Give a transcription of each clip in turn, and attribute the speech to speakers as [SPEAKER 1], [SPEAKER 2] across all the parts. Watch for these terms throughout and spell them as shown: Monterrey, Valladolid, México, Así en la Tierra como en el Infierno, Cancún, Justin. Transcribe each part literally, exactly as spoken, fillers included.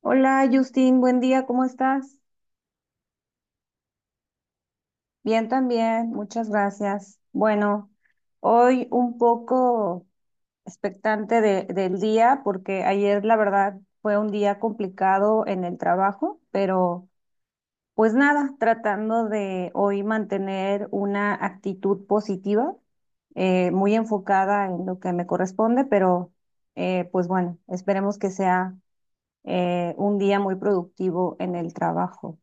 [SPEAKER 1] Hola Justin, buen día, ¿cómo estás? Bien también, muchas gracias. Bueno, hoy un poco expectante de- del día porque ayer la verdad fue un día complicado en el trabajo, pero pues nada, tratando de hoy mantener una actitud positiva, eh, muy enfocada en lo que me corresponde, pero eh, pues bueno, esperemos que sea eh, un día muy productivo en el trabajo.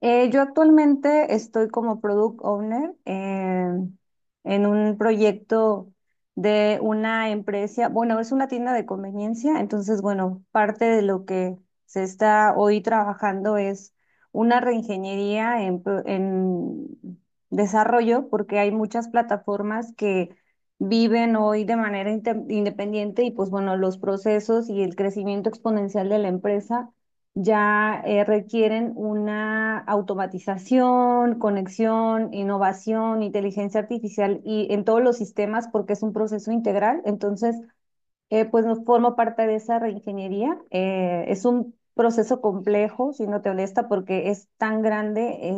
[SPEAKER 1] Eh, yo actualmente estoy como product owner en, en un proyecto de una empresa, bueno, es una tienda de conveniencia, entonces, bueno, parte de lo que se está hoy trabajando es una reingeniería en, pro- en desarrollo, porque hay muchas plataformas que viven hoy de manera inte- independiente y pues bueno, los procesos y el crecimiento exponencial de la empresa ya eh, requieren una automatización, conexión, innovación, inteligencia artificial y en todos los sistemas porque es un proceso integral. Entonces, eh, pues nos formo parte de esa reingeniería. Eh, es un proceso complejo, si no te molesta, porque es tan grande, eh,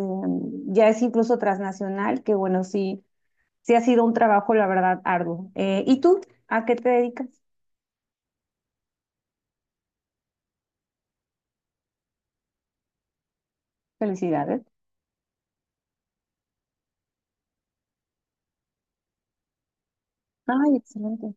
[SPEAKER 1] ya es incluso transnacional, que bueno, sí, sí ha sido un trabajo, la verdad, arduo. Eh, ¿y tú? ¿A qué te dedicas? Felicidades. Ay, excelente.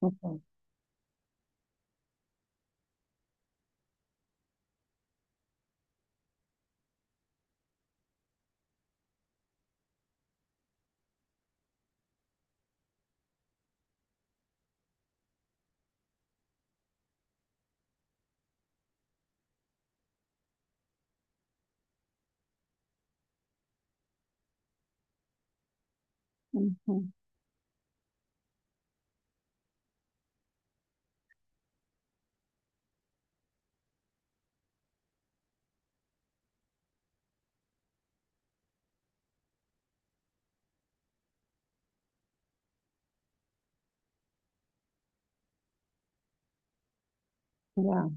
[SPEAKER 1] Ujú, ujú. Ya.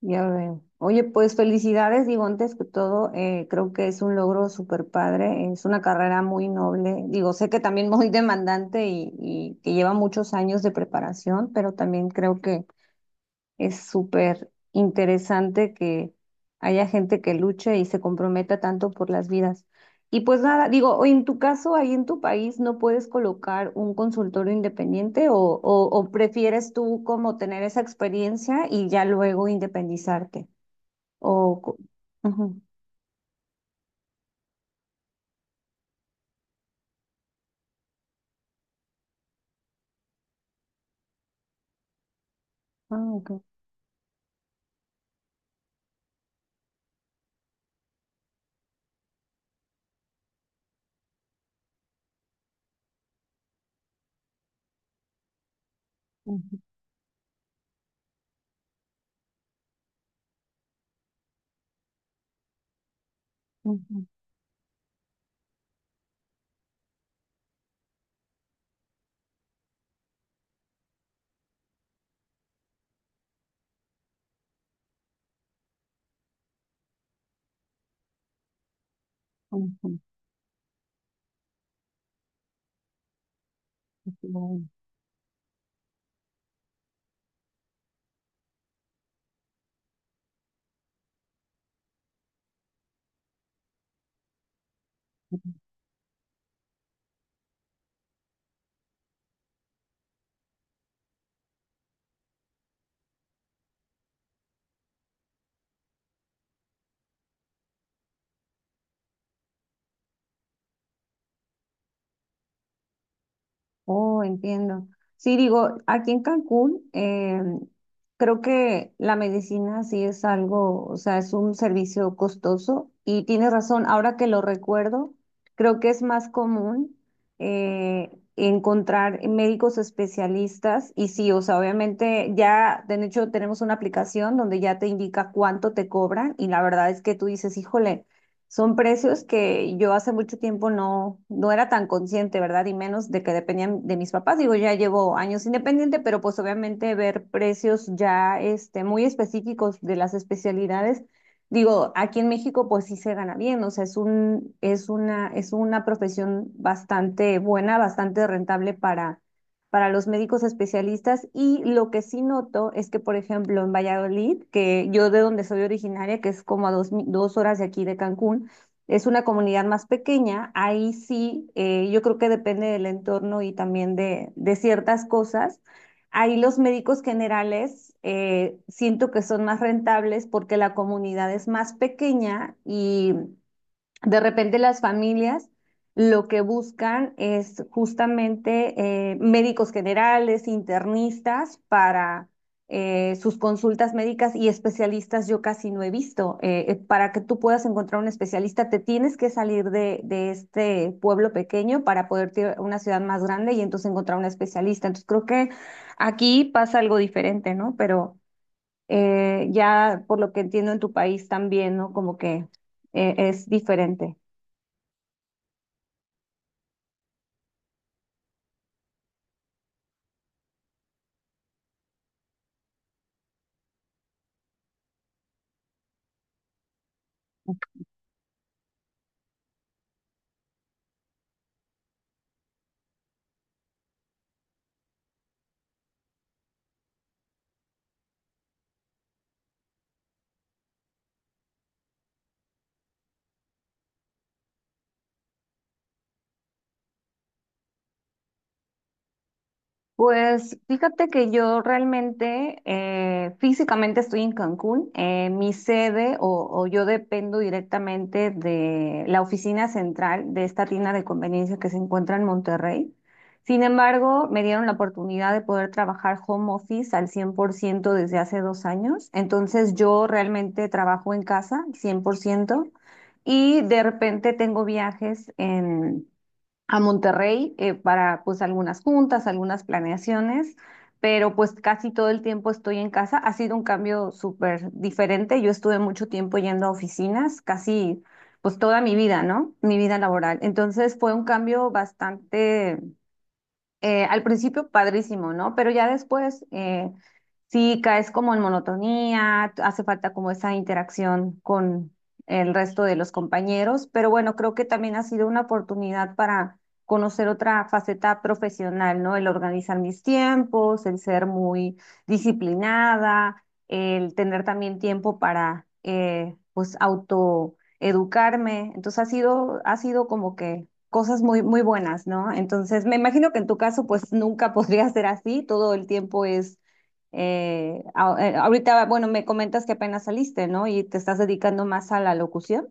[SPEAKER 1] Ya veo. Oye, pues felicidades, digo, antes que todo, eh, creo que es un logro súper padre, es una carrera muy noble, digo, sé que también muy demandante y, y que lleva muchos años de preparación, pero también creo que es súper interesante que haya gente que luche y se comprometa tanto por las vidas. Y pues nada, digo, o en tu caso, ahí en tu país, ¿no puedes colocar un consultorio independiente o, o o prefieres tú como tener esa experiencia y ya luego independizarte? O, co- Ujú. Ah, ok. Ujú, ujú, ujú, ujú. Oh, entiendo. Sí, digo, aquí en Cancún, eh, creo que la medicina sí es algo, o sea, es un servicio costoso y tienes razón, ahora que lo recuerdo, creo que es más común eh, encontrar médicos especialistas y sí, o sea, obviamente ya, de hecho, tenemos una aplicación donde ya te indica cuánto te cobran y la verdad es que tú dices, híjole. Son precios que yo hace mucho tiempo no, no era tan consciente, ¿verdad? Y menos de que dependían de mis papás. Digo, ya llevo años independiente, pero pues obviamente ver precios ya este, muy específicos de las especialidades. Digo, aquí en México pues sí se gana bien, o sea, es un, es una, es una profesión bastante buena, bastante rentable para para los médicos especialistas y lo que sí noto es que, por ejemplo, en Valladolid, que yo de donde soy originaria, que es como a dos, mi- dos horas de aquí de Cancún, es una comunidad más pequeña, ahí sí, eh, yo creo que depende del entorno y también de, de ciertas cosas. Ahí los médicos generales eh, siento que son más rentables porque la comunidad es más pequeña y de repente las familias lo que buscan es justamente eh, médicos generales, internistas para eh, sus consultas médicas y especialistas yo casi no he visto. Eh, eh, para que tú puedas encontrar un especialista, te tienes que salir de, de este pueblo pequeño para poder ir a una ciudad más grande y entonces encontrar un especialista. Entonces creo que aquí pasa algo diferente, ¿no? Pero eh, ya por lo que entiendo en tu país también, ¿no? Como que eh, es diferente. Pues fíjate que yo realmente eh, físicamente estoy en Cancún. Eh, mi sede o, o yo dependo directamente de la oficina central de esta tienda de conveniencia que se encuentra en Monterrey. Sin embargo, me dieron la oportunidad de poder trabajar home office al cien por ciento desde hace dos años. Entonces yo realmente trabajo en casa cien por ciento y de repente tengo viajes a Monterrey eh, para pues algunas juntas, algunas planeaciones, pero pues casi todo el tiempo estoy en casa. Ha sido un cambio súper diferente. Yo estuve mucho tiempo yendo a oficinas, casi pues toda mi vida, ¿no? Mi vida laboral. Entonces fue un cambio bastante eh, al principio padrísimo, ¿no? Pero ya después eh, sí caes como en monotonía, t- hace falta como esa interacción con el resto de los compañeros, pero bueno, creo que también ha sido una oportunidad para conocer otra faceta profesional, ¿no? El organizar mis tiempos, el ser muy disciplinada, el tener también tiempo para, eh, pues, autoeducarme. Entonces ha sido, ha sido como que cosas muy, muy buenas, ¿no? Entonces, me imagino que en tu caso, pues nunca podría ser así, todo el tiempo es, eh, a- eh, ahorita, bueno, me comentas que apenas saliste, ¿no? Y te estás dedicando más a la locución.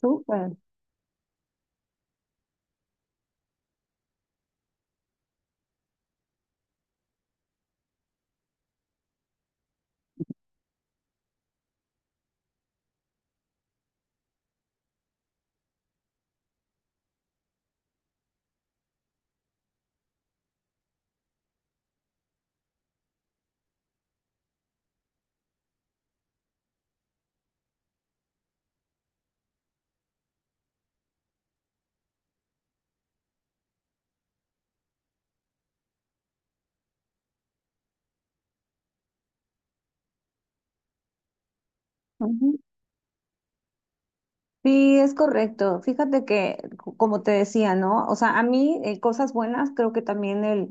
[SPEAKER 1] Súper. Ujú. Sí, es correcto. Fíjate que, co- como te decía, ¿no? O sea, a mí, eh, cosas buenas, creo que también el...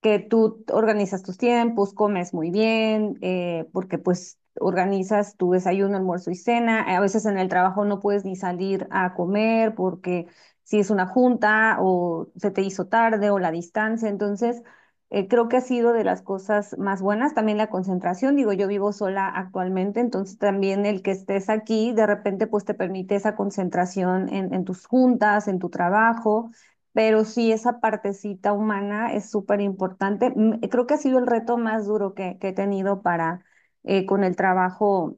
[SPEAKER 1] que tú organizas tus tiempos, comes muy bien, eh, porque pues organizas tu desayuno, almuerzo y cena. A veces en el trabajo no puedes ni salir a comer porque si es una junta o se te hizo tarde o la distancia. Entonces, eh, creo que ha sido de las cosas más buenas. También la concentración, digo, yo vivo sola actualmente, entonces también el que estés aquí, de repente, pues te permite esa concentración en, en tus juntas, en tu trabajo, pero sí esa partecita humana es súper importante. Mm, creo que ha sido el reto más duro que, que he tenido para eh, con el trabajo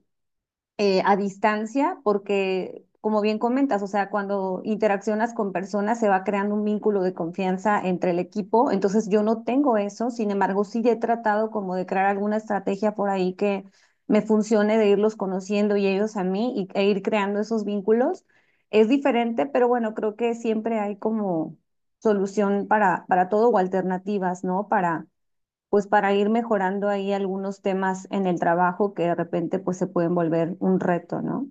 [SPEAKER 1] eh, a distancia, porque como bien comentas, o sea, cuando interaccionas con personas se va creando un vínculo de confianza entre el equipo, entonces yo no tengo eso, sin embargo, sí he tratado como de crear alguna estrategia por ahí que me funcione de irlos conociendo y ellos a mí y, e ir creando esos vínculos. Es diferente, pero bueno, creo que siempre hay como solución para, para todo o alternativas, ¿no? Para pues para ir mejorando ahí algunos temas en el trabajo que de repente pues se pueden volver un reto, ¿no?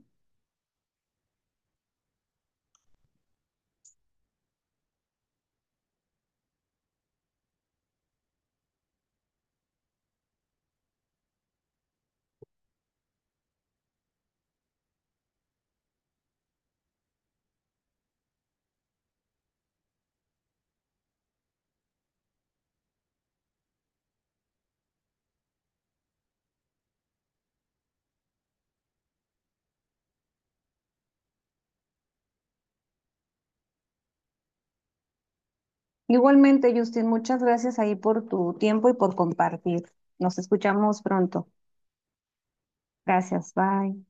[SPEAKER 1] Igualmente, Justin, muchas gracias ahí por tu tiempo y por compartir. Nos escuchamos pronto. Gracias, bye.